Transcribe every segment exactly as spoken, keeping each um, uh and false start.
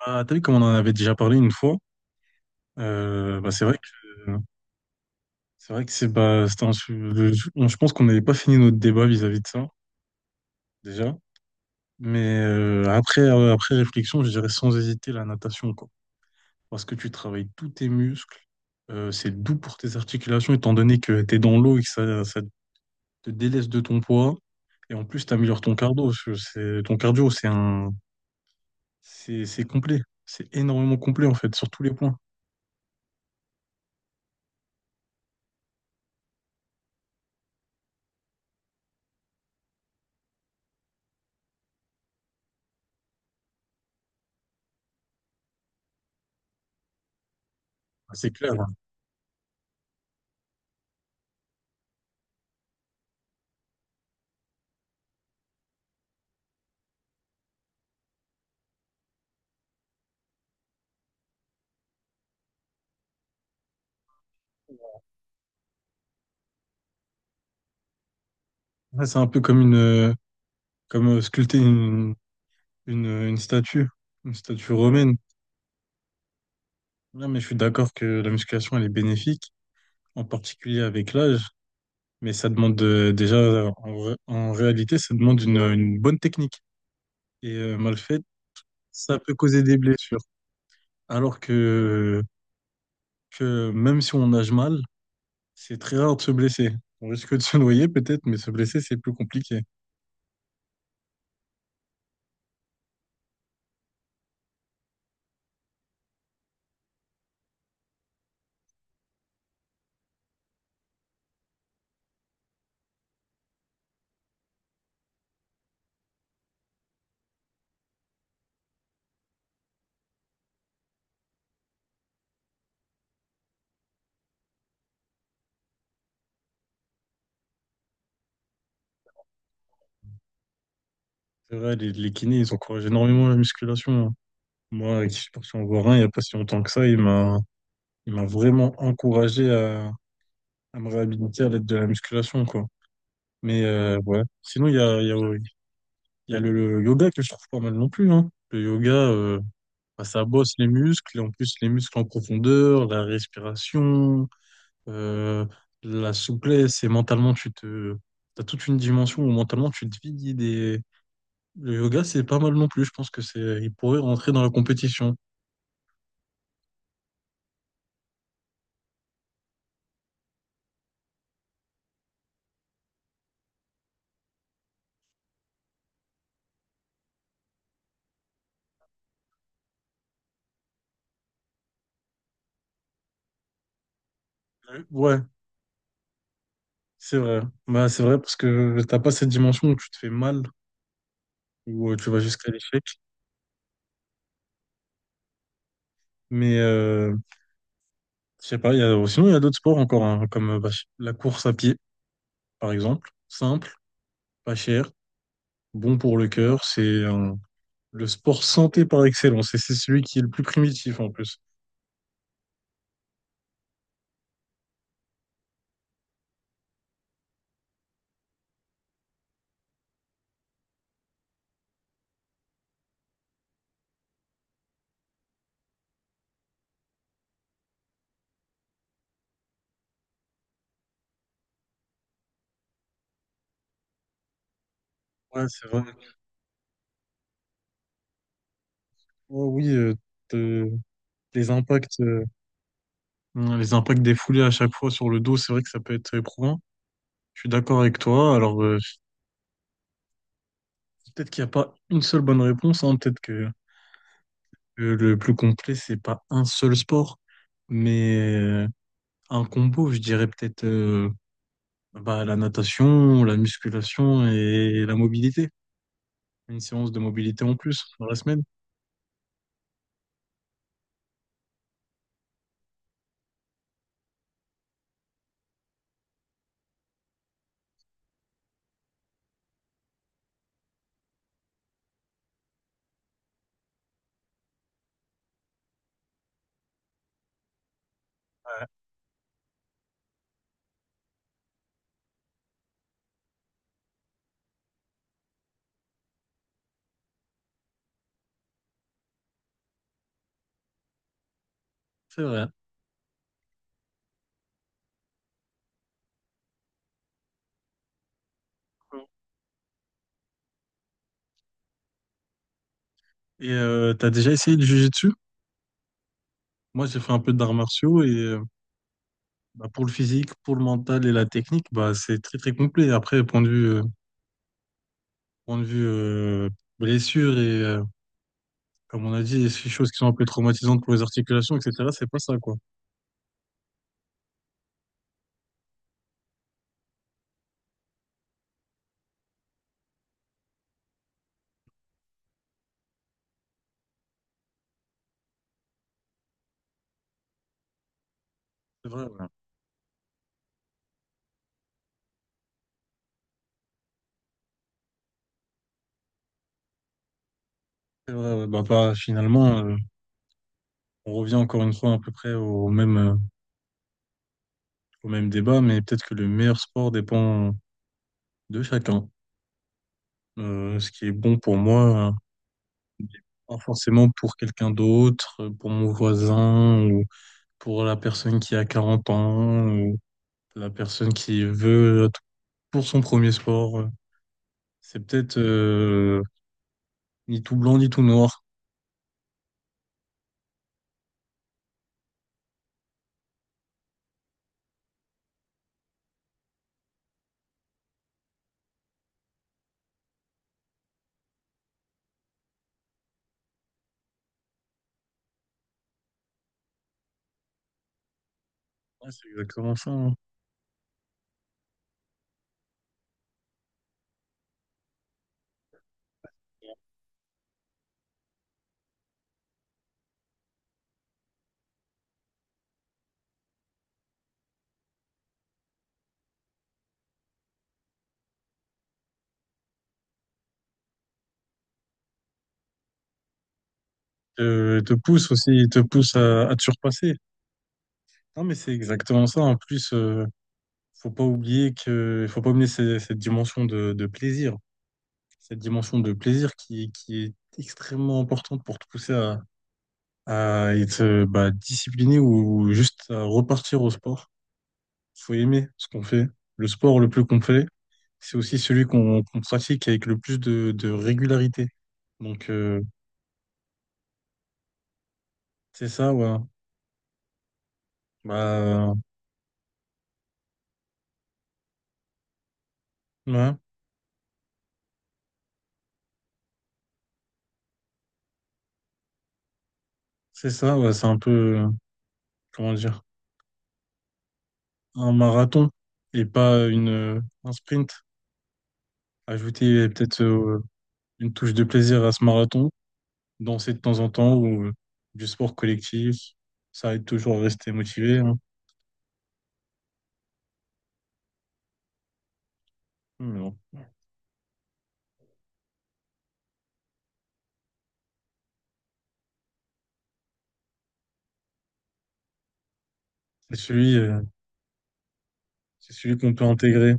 Ah, t'as vu comme on en avait déjà parlé une fois, euh, bah, c'est vrai que c'est vrai que c'est bah, c'était un su- le- on- je pense qu'on n'avait pas fini notre débat vis-à-vis de ça déjà. Mais euh, après euh, après réflexion, je dirais sans hésiter la natation, quoi, parce que tu travailles tous tes muscles. Euh, c'est doux pour tes articulations étant donné que t'es dans l'eau et que ça, ça te délaisse de ton poids, et en plus t'améliores ton cardio, parce que c'est ton cardio c'est un c'est c'est complet, c'est énormément complet en fait sur tous les points. C'est clair, hein. Ouais, c'est un peu comme une… Comme euh, Sculpter une, une, une statue, une statue romaine. Non, mais je suis d'accord que la musculation, elle est bénéfique, en particulier avec l'âge. Mais ça demande euh, déjà, euh, en, vrai- en réalité, ça demande une, une bonne technique. Et euh, mal faite, ça peut causer des blessures. Alors que, que même si on nage mal, c'est très rare de se blesser. On risque de se noyer peut-être, mais se blesser, c'est plus compliqué. C'est vrai, les, les kinés, ils encouragent énormément la musculation, hein. Moi, qui suis parti en voir un il n'y a pas si longtemps que ça, il m'a il m'a vraiment encouragé à, à me réhabiliter à l'aide de la musculation, quoi. Mais euh, ouais. Sinon, il y a, il y a, il y a le, le yoga que je trouve pas mal non plus, hein. Le yoga, euh, bah, ça bosse les muscles, et en plus les muscles en profondeur, la respiration, euh, la souplesse, et mentalement, tu te… T'as toute une dimension où mentalement, tu te vides et… Le yoga, c'est pas mal non plus. Je pense que c'est, il pourrait rentrer dans la compétition. Euh, Ouais, c'est vrai. Bah, c'est vrai parce que t'as pas cette dimension où tu te fais mal ou euh, tu vas jusqu'à l'échec. Mais euh, je sais pas, il y a, euh, sinon il y a d'autres sports encore, hein, comme euh, bah, la course à pied, par exemple. Simple, pas cher, bon pour le cœur. C'est euh, le sport santé par excellence, et c'est celui qui est le plus primitif en plus. Ouais, c'est vrai. Oh oui, euh, te- les impacts, euh, hum, les impacts des foulées à chaque fois sur le dos, c'est vrai que ça peut être éprouvant. Je suis d'accord avec toi. Alors, euh, peut-être qu'il n'y a pas une seule bonne réponse, hein. Peut-être que, que le plus complet, c'est pas un seul sport. Mais euh, Un combo, je dirais peut-être euh, bah, la natation, la musculation et la mobilité. Une séance de mobilité en plus dans la semaine. C'est vrai. Et euh, t'as déjà essayé de juger dessus? Moi, j'ai fait un peu d'arts martiaux, et euh, bah, pour le physique, pour le mental et la technique, bah, c'est très très complet. Après, point de vue, euh, point de vue euh, blessure et euh, comme on a dit, ces choses qui sont un peu traumatisantes pour les articulations, et cétéra. C'est pas ça, quoi. C'est vrai, ouais. C'est vrai, ouais. Bah, bah, finalement, euh, on revient encore une fois à peu près au même, euh, au même débat, mais peut-être que le meilleur sport dépend de chacun. Euh, ce qui est bon pour moi, euh, pas forcément pour quelqu'un d'autre, euh, pour mon voisin, ou pour la personne qui a quarante ans, ou la personne qui veut euh, pour son premier sport. euh, C'est peut-être euh, ni tout blanc ni tout noir. Ouais, c'est exactement ça, hein. Euh, il te pousse aussi, il te pousse à, à te surpasser. Non, mais c'est exactement ça. En plus, euh, faut pas oublier que, faut pas oublier cette, cette dimension de, de plaisir. Cette dimension de plaisir qui, est- qui est extrêmement importante pour te pousser à, à être euh, bah, discipliné ou juste à repartir au sport. Il faut aimer ce qu'on fait. Le sport le plus qu'on fait, c'est aussi celui qu'on qu'on pratique avec le plus de, de régularité. Donc, euh, c'est ça, ouais. Bah, ouais, c'est ça, ouais. C'est un peu, euh, comment dire, un marathon et pas une, euh, un sprint. Ajouter euh, peut-être euh, une touche de plaisir à ce marathon. Danser de temps en temps ou euh, du sport collectif. Ça aide toujours à rester motivé, hein. Mais bon. C'est celui, euh, c'est celui qu'on peut intégrer.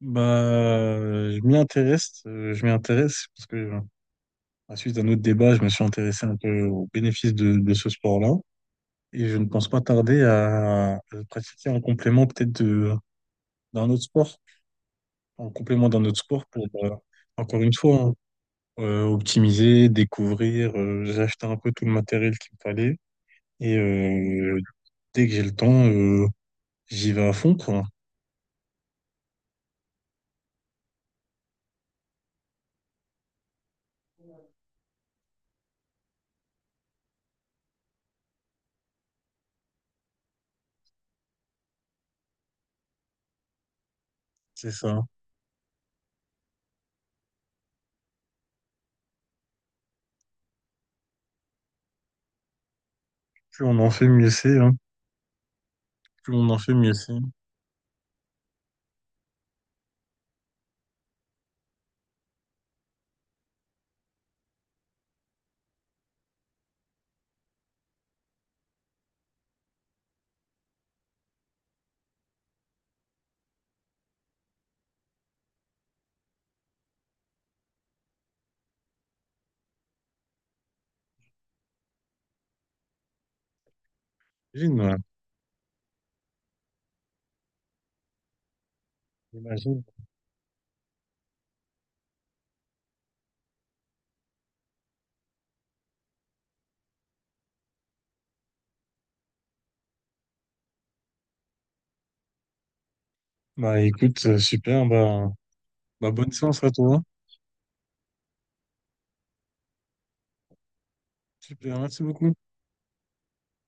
Bah, euh, je m'y intéresse, euh, je m'y intéresse parce que euh, à suite d'un autre débat, je me suis intéressé un peu aux bénéfices de, de ce sport-là, et je ne pense pas tarder à, à le pratiquer en complément peut-être de d'un autre sport, en complément d'un autre sport pour euh, encore une fois, hein, euh, optimiser, découvrir. Euh, j'ai acheté un peu tout le matériel qu'il me fallait, et euh, dès que j'ai le temps, euh, j'y vais à fond, quoi. C'est ça. Plus on en fait, mieux c'est, hein. Plus on en fait, mieux c'est. J'imagine, ouais. J'imagine. Bah écoute, euh, super, bah, bah bonne séance à toi. Super, merci beaucoup.